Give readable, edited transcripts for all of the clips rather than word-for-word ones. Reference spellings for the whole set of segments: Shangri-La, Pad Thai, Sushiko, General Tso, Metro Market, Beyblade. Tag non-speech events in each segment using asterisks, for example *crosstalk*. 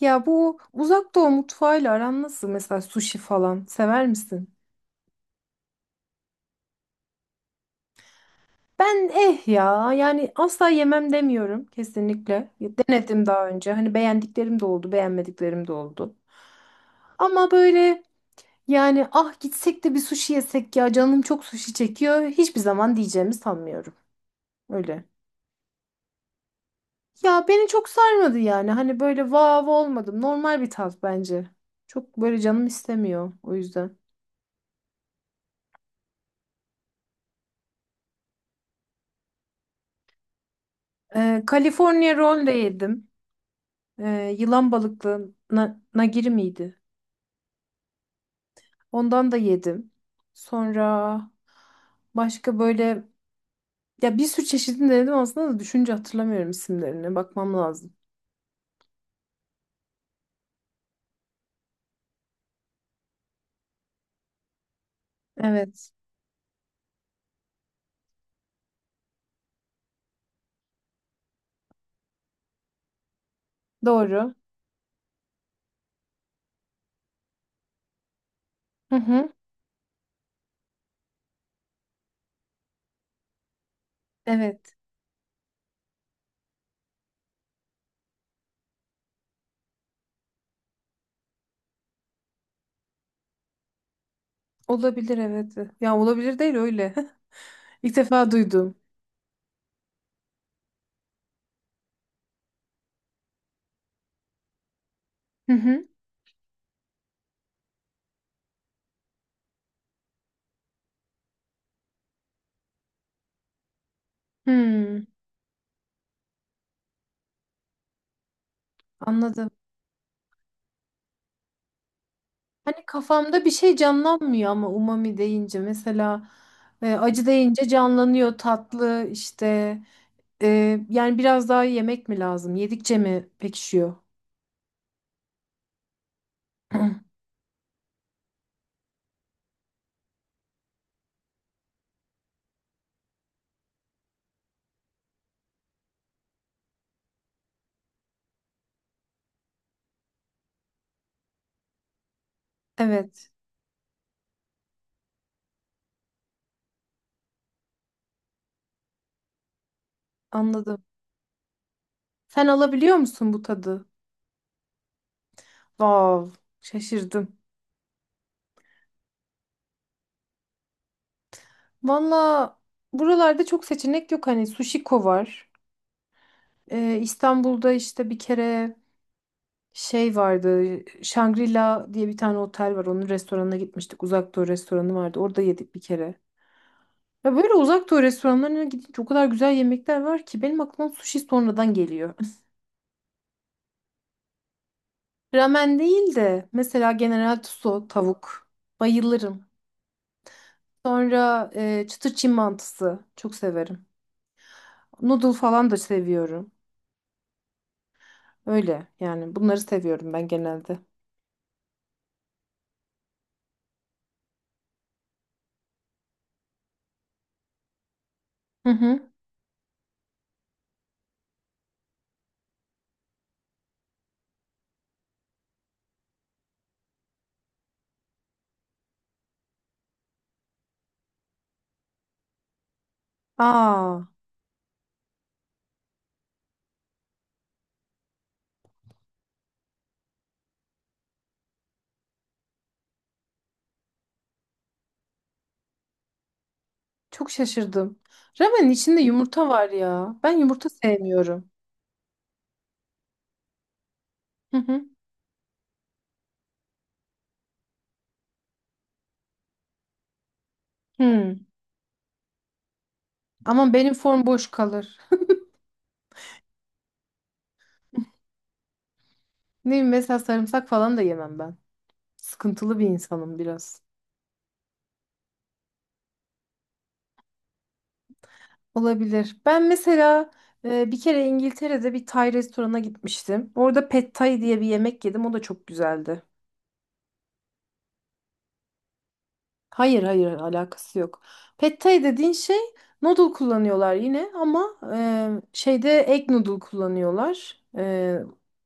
Ya bu uzak doğu mutfağıyla aran nasıl? Mesela sushi falan sever misin? Ben ya yani asla yemem demiyorum kesinlikle. Ya denedim daha önce. Hani beğendiklerim de oldu, beğenmediklerim de oldu. Ama böyle yani gitsek de bir sushi yesek ya canım çok sushi çekiyor. Hiçbir zaman diyeceğimi sanmıyorum. Öyle. Ya beni çok sarmadı yani. Hani böyle vav olmadım. Normal bir tat bence. Çok böyle canım istemiyor o yüzden. California roll de yedim. Yılan balıklığına nagiri miydi? Ondan da yedim. Sonra başka böyle ya bir sürü çeşidini denedim aslında da düşünce hatırlamıyorum isimlerini. Bakmam lazım. Evet. Doğru. Hı hı. Evet. Olabilir evet. Ya olabilir değil öyle. *laughs* İlk defa duydum. Hı hı. Hmm, anladım. Hani kafamda bir şey canlanmıyor ama umami deyince mesela acı deyince canlanıyor tatlı işte. Yani biraz daha yemek mi lazım? Yedikçe mi pekişiyor? *clears throat* Evet, anladım. Sen alabiliyor musun bu tadı? Vav, şaşırdım. Valla buralarda çok seçenek yok. Hani Sushiko var. İstanbul'da işte bir kere şey vardı. Shangri-La diye bir tane otel var. Onun restoranına gitmiştik. Uzak Doğu restoranı vardı. Orada yedik bir kere. Ya böyle Uzak Doğu restoranlarına gidince o kadar güzel yemekler var ki benim aklıma sushi sonradan geliyor. *laughs* Ramen değil de mesela General Tso tavuk. Bayılırım. Sonra çıtır Çin mantısı. Çok severim. Noodle falan da seviyorum. Öyle yani bunları seviyorum ben genelde. Hı hı. Aa, çok şaşırdım. Ramenin içinde yumurta var ya. Ben yumurta sevmiyorum. Hı hı. Hı. Ama benim form boş kalır. Ne bileyim, mesela sarımsak falan da yemem ben. Sıkıntılı bir insanım biraz. Olabilir. Ben mesela bir kere İngiltere'de bir Tay restorana gitmiştim. Orada Pad Thai diye bir yemek yedim. O da çok güzeldi. Hayır hayır alakası yok. Pad Thai dediğin şey noodle kullanıyorlar yine ama şeyde egg noodle kullanıyorlar.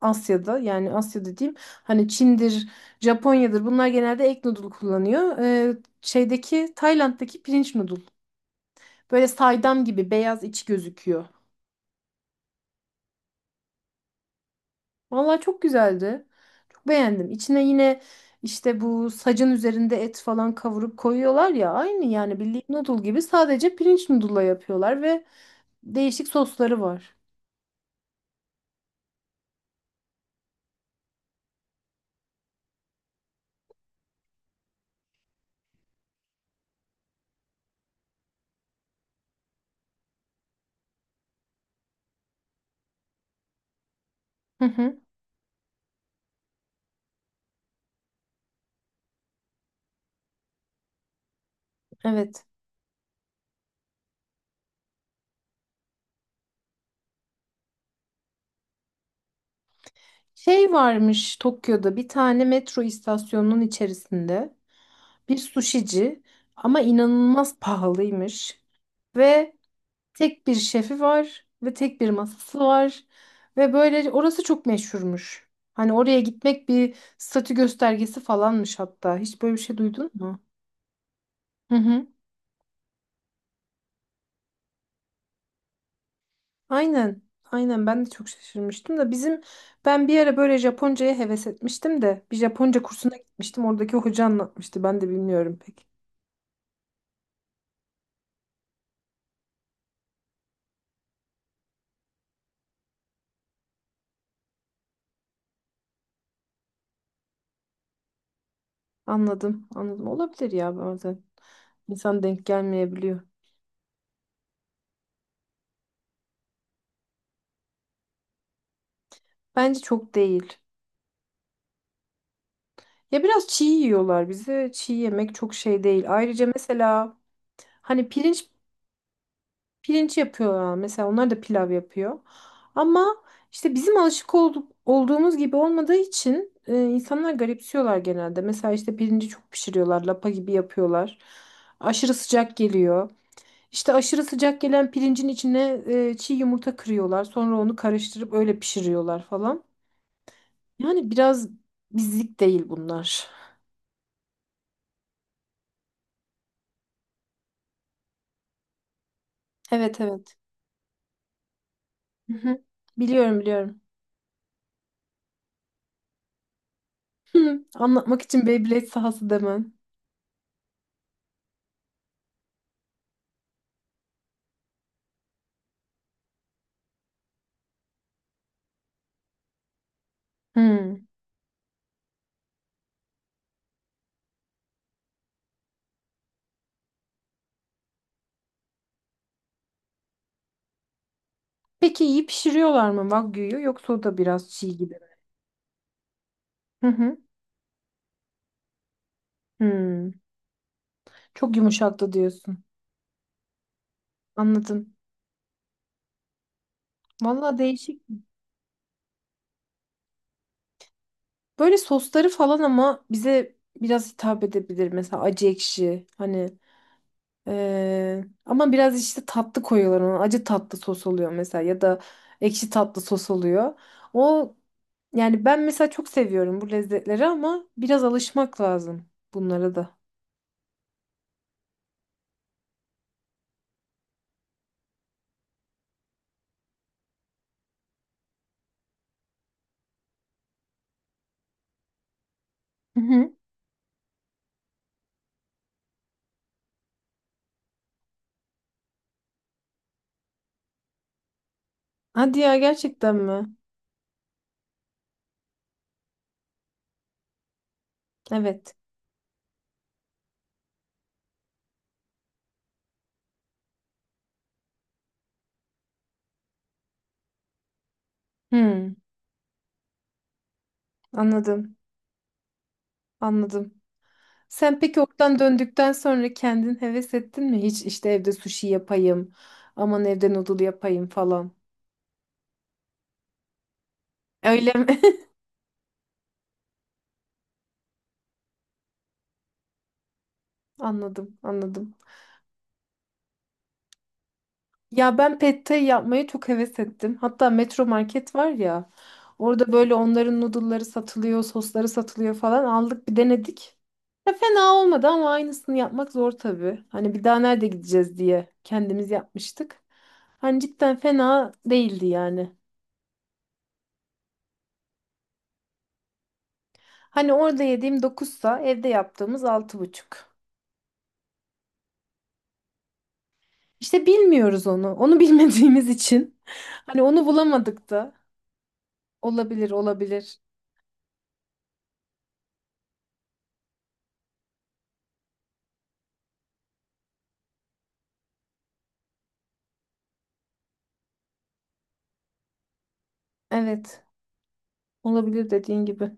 Asya'da yani Asya dediğim hani Çin'dir, Japonya'dır bunlar genelde egg noodle kullanıyor. Şeydeki Tayland'daki pirinç noodle. Böyle saydam gibi beyaz içi gözüküyor. Vallahi çok güzeldi. Çok beğendim. İçine yine işte bu sacın üzerinde et falan kavurup koyuyorlar ya aynı yani bildiğin noodle gibi sadece pirinç noodle'la yapıyorlar ve değişik sosları var. Hı hı. Evet. Şey varmış Tokyo'da bir tane metro istasyonunun içerisinde bir suşici ama inanılmaz pahalıymış. Ve tek bir şefi var ve tek bir masası var ve böyle orası çok meşhurmuş. Hani oraya gitmek bir statü göstergesi falanmış hatta. Hiç böyle bir şey duydun mu? Hı hı. Aynen. Aynen ben de çok şaşırmıştım da ben bir ara böyle Japonca'ya heves etmiştim de bir Japonca kursuna gitmiştim. Oradaki hoca anlatmıştı. Ben de bilmiyorum pek. Anladım. Anladım. Olabilir ya bazen. İnsan denk gelmeyebiliyor. Bence çok değil. Ya biraz çiğ yiyorlar bize. Çiğ yemek çok şey değil. Ayrıca mesela hani pirinç yapıyorlar mesela onlar da pilav yapıyor. Ama işte bizim alışık olduk, olduğumuz gibi olmadığı için insanlar garipsiyorlar genelde. Mesela işte pirinci çok pişiriyorlar, lapa gibi yapıyorlar. Aşırı sıcak geliyor. İşte aşırı sıcak gelen pirincin içine çiğ yumurta kırıyorlar. Sonra onu karıştırıp öyle pişiriyorlar falan. Yani biraz bizlik değil bunlar. Evet evet. Hı hı. Biliyorum biliyorum. *laughs* Hı. Anlatmak için Beyblade sahası demem. Hı. Peki iyi pişiriyorlar mı Wagyu'yu yoksa o da biraz çiğ gibi mi? Hı hı. Hmm. Çok yumuşaktı diyorsun. Anladım. Vallahi değişik. Böyle sosları falan ama bize biraz hitap edebilir. Mesela acı ekşi hani ama biraz işte tatlı koyuyorlar ona. Acı tatlı sos oluyor mesela ya da ekşi tatlı sos oluyor. O yani ben mesela çok seviyorum bu lezzetleri ama biraz alışmak lazım bunlara da. Hı hı. Hadi ya gerçekten mi? Evet. Hmm. Anladım, anladım. Sen peki oradan döndükten sonra kendin heves ettin mi? Hiç işte evde sushi yapayım, aman evde noodle yapayım falan. Öyle mi? *laughs* Anladım, anladım. Ya ben pad thai yapmayı çok heves ettim. Hatta Metro Market var ya, orada böyle onların noodle'ları satılıyor, sosları satılıyor falan. Aldık bir denedik. Ya fena olmadı ama aynısını yapmak zor tabii. Hani bir daha nerede gideceğiz diye kendimiz yapmıştık. Hani cidden fena değildi yani. Hani orada yediğim 9'sa evde yaptığımız 6,5. İşte bilmiyoruz onu. Onu *laughs* bilmediğimiz için. Hani onu bulamadık da. Olabilir, olabilir. Evet, olabilir dediğin gibi.